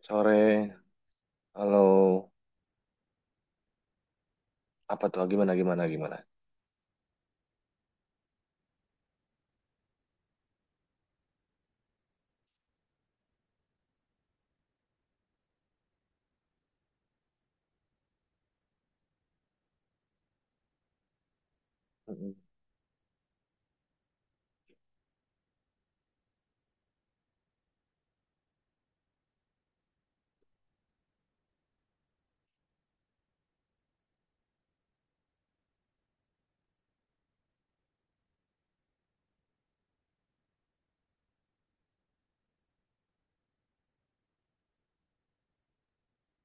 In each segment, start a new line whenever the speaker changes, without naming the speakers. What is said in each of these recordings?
Sore, halo, apa tuh? Gimana, gimana, gimana? Mm-mm.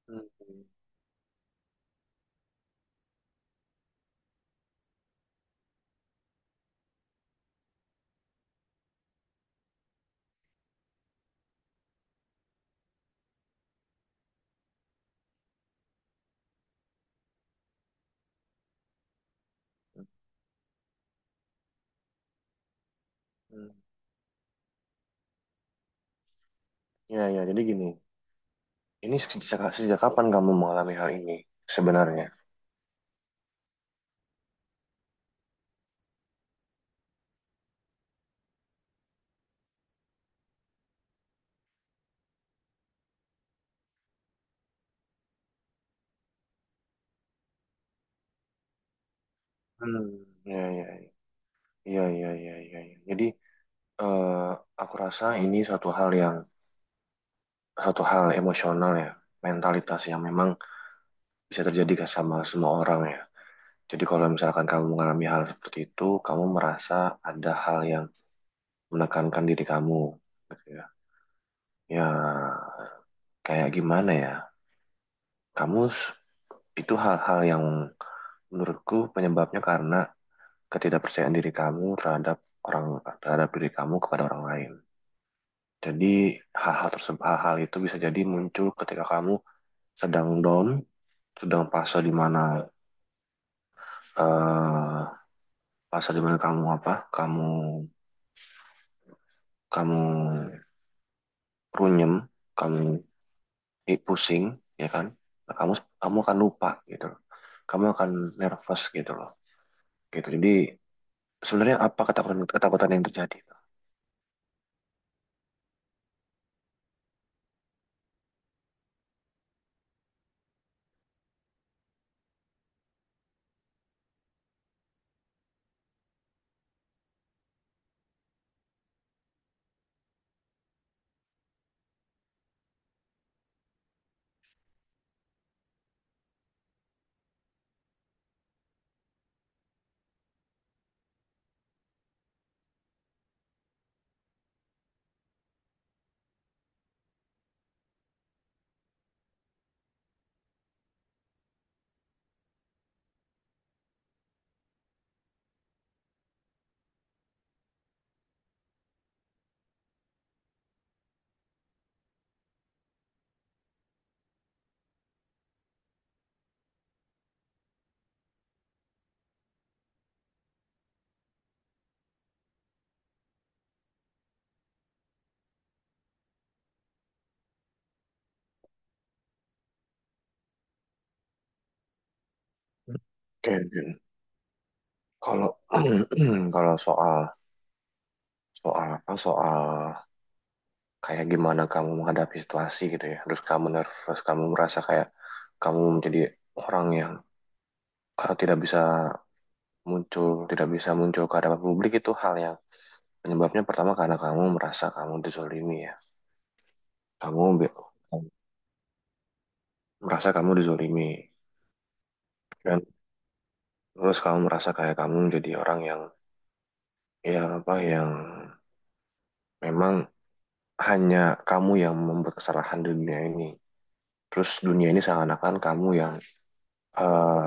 Mm-mm. Ya, ya, jadi gini, ini sejak kapan kamu mengalami hal ini sebenarnya? Hmm. Ya, ya, ya, ya, ya, ya, ya. Jadi, eh, aku rasa ini suatu hal emosional ya, mentalitas yang memang bisa terjadi ke sama semua orang ya. Jadi kalau misalkan kamu mengalami hal seperti itu, kamu merasa ada hal yang menekankan diri kamu, gitu ya. Ya, kayak gimana ya? Kamu s- itu hal-hal yang menurutku penyebabnya karena ketidakpercayaan diri kamu terhadap orang terhadap diri kamu kepada orang lain. Jadi hal-hal itu bisa jadi muncul ketika kamu sedang down, sedang eh fase di mana kamu apa? Kamu kamu runyem, kamu pusing, ya kan? Nah, kamu kamu akan lupa gitu. Kamu akan nervous gitu loh. Gitu. Jadi sebenarnya apa ketakutan ketakutan yang terjadi? Oke, oke. Kalau kalau soal soal apa soal kayak gimana kamu menghadapi situasi gitu ya, terus kamu nervous, kamu merasa kayak kamu menjadi orang yang tidak bisa muncul, ke hadapan publik itu hal yang penyebabnya pertama karena kamu merasa kamu dizolimi ya, kamu be- merasa kamu dizolimi dan terus kamu merasa kayak kamu jadi orang yang ya apa yang memang hanya kamu yang membuat kesalahan di dunia ini. Terus dunia ini seakan-akan eh,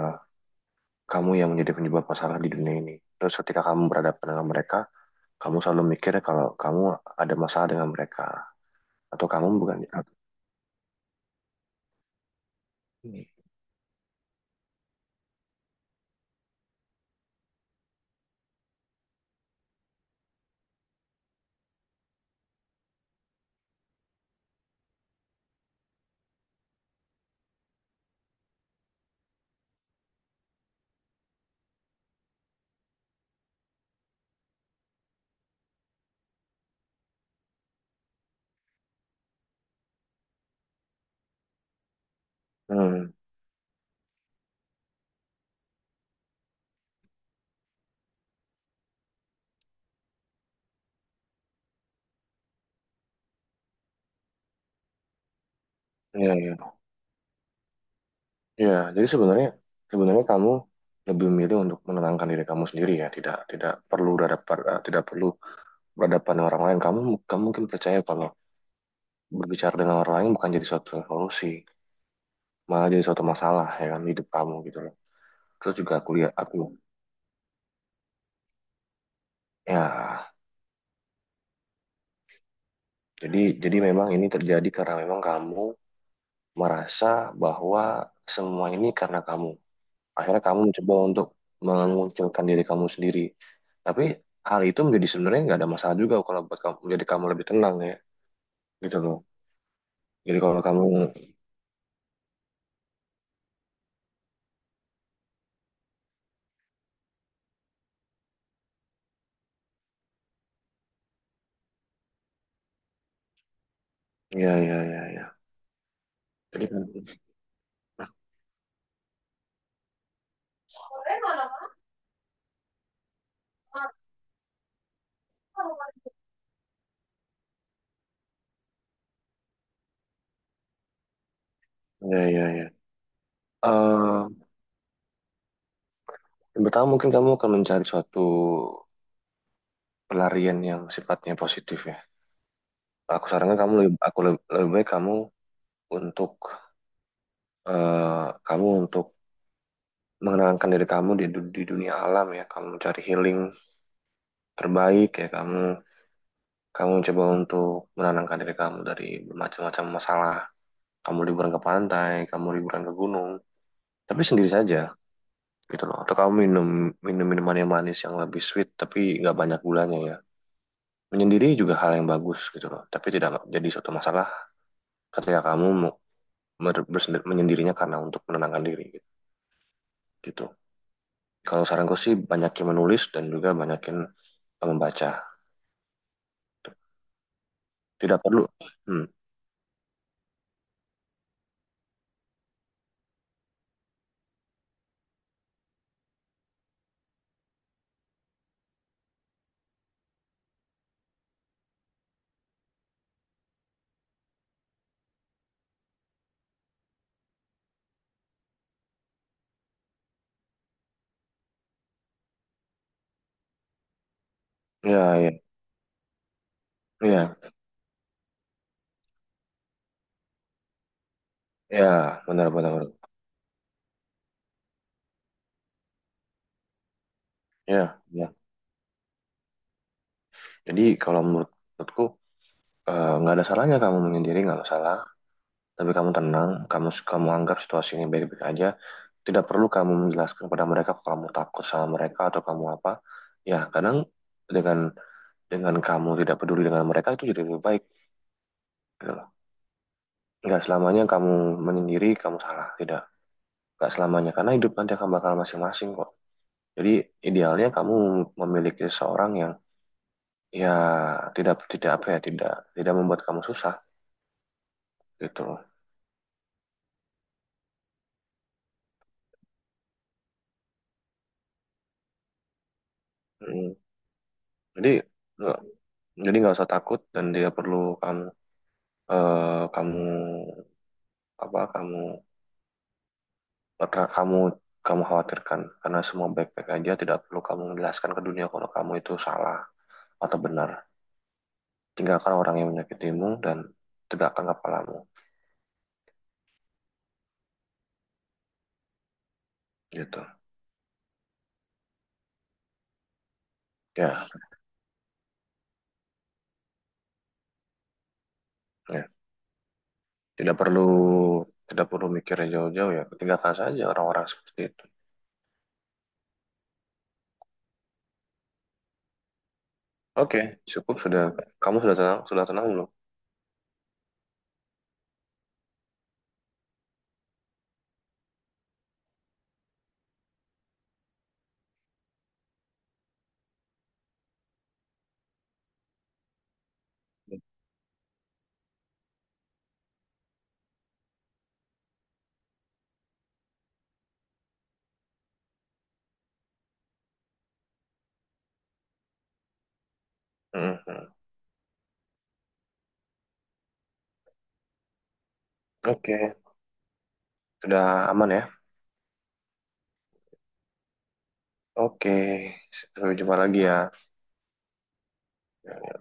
kamu yang menjadi penyebab masalah di dunia ini. Terus ketika kamu berhadapan dengan mereka, kamu selalu mikir kalau kamu ada masalah dengan mereka atau kamu bukan. Hmm, ya, ya, ya. Jadi sebenarnya sebenarnya kamu lebih memilih untuk menenangkan diri kamu sendiri ya, tidak tidak perlu tidak perlu berhadapan dengan orang lain. Kamu kamu mungkin percaya kalau berbicara dengan orang lain bukan jadi suatu solusi. Malah jadi suatu masalah ya kan hidup kamu gitu loh. Terus juga kuliah aku ya. Jadi jadi memang ini terjadi karena memang kamu merasa bahwa semua ini karena kamu akhirnya kamu mencoba untuk mengunculkan diri kamu sendiri tapi hal itu menjadi sebenarnya nggak ada masalah juga kalau buat kamu menjadi kamu lebih tenang ya gitu loh. Jadi kalau kamu Ya, ya, ya, ya, jadi kan, ya, ya, ya. Eh, yang pertama mungkin kamu akan mencari suatu pelarian yang sifatnya positif ya. Aku sarankan kamu lebih, aku Lebih baik kamu untuk eh, kamu untuk mengenangkan diri kamu di dunia alam ya. Kamu cari healing terbaik ya. Kamu kamu coba untuk menenangkan diri kamu dari macam-macam masalah. Kamu liburan ke pantai, kamu liburan ke gunung, tapi sendiri saja gitu loh. Atau kamu minum minum minuman yang manis yang lebih sweet tapi nggak banyak gulanya ya. Menyendiri juga hal yang bagus gitu loh. Tapi tidak jadi suatu masalah ketika kamu menyendirinya karena untuk menenangkan diri gitu. Gitu. Kalau saranku sih banyakin menulis dan juga banyakin membaca. Tidak perlu. Hmm. Ya, ya, ya, ya, benar, benar, benar. Ya, ya. Jadi kalau menurutku nggak ada salahnya kamu menyendiri, nggak masalah. Tapi kamu tenang, kamu kamu anggap situasi ini baik-baik aja. Tidak perlu kamu menjelaskan kepada mereka kalau kamu takut sama mereka atau kamu apa. Ya, kadang dengan dengan kamu tidak peduli dengan mereka itu jadi lebih baik. Gitu. Nggak selamanya kamu menyendiri, kamu salah. Tidak. Nggak selamanya. Karena hidup nanti akan bakal masing-masing kok. Jadi idealnya kamu memiliki seseorang yang ya tidak tidak apa ya tidak tidak membuat kamu susah gitu loh. Mm. Jadi nggak- jadi nggak usah takut dan tidak perlu kamu eh, kamu apa kamu kamu kamu khawatirkan karena semua baik-baik aja tidak perlu kamu menjelaskan ke dunia kalau kamu itu salah atau benar. Tinggalkan orang yang menyakitimu dan tegakkan kepalamu gitu ya. Ya, tidak perlu tidak perlu mikir yang jauh-jauh ya, tinggalkan saja orang-orang seperti itu. Oke, cukup sudah. Kamu sudah tenang, sudah tenang belum? Mhm. Oke, sudah aman ya. Oke, sampai jumpa lagi ya.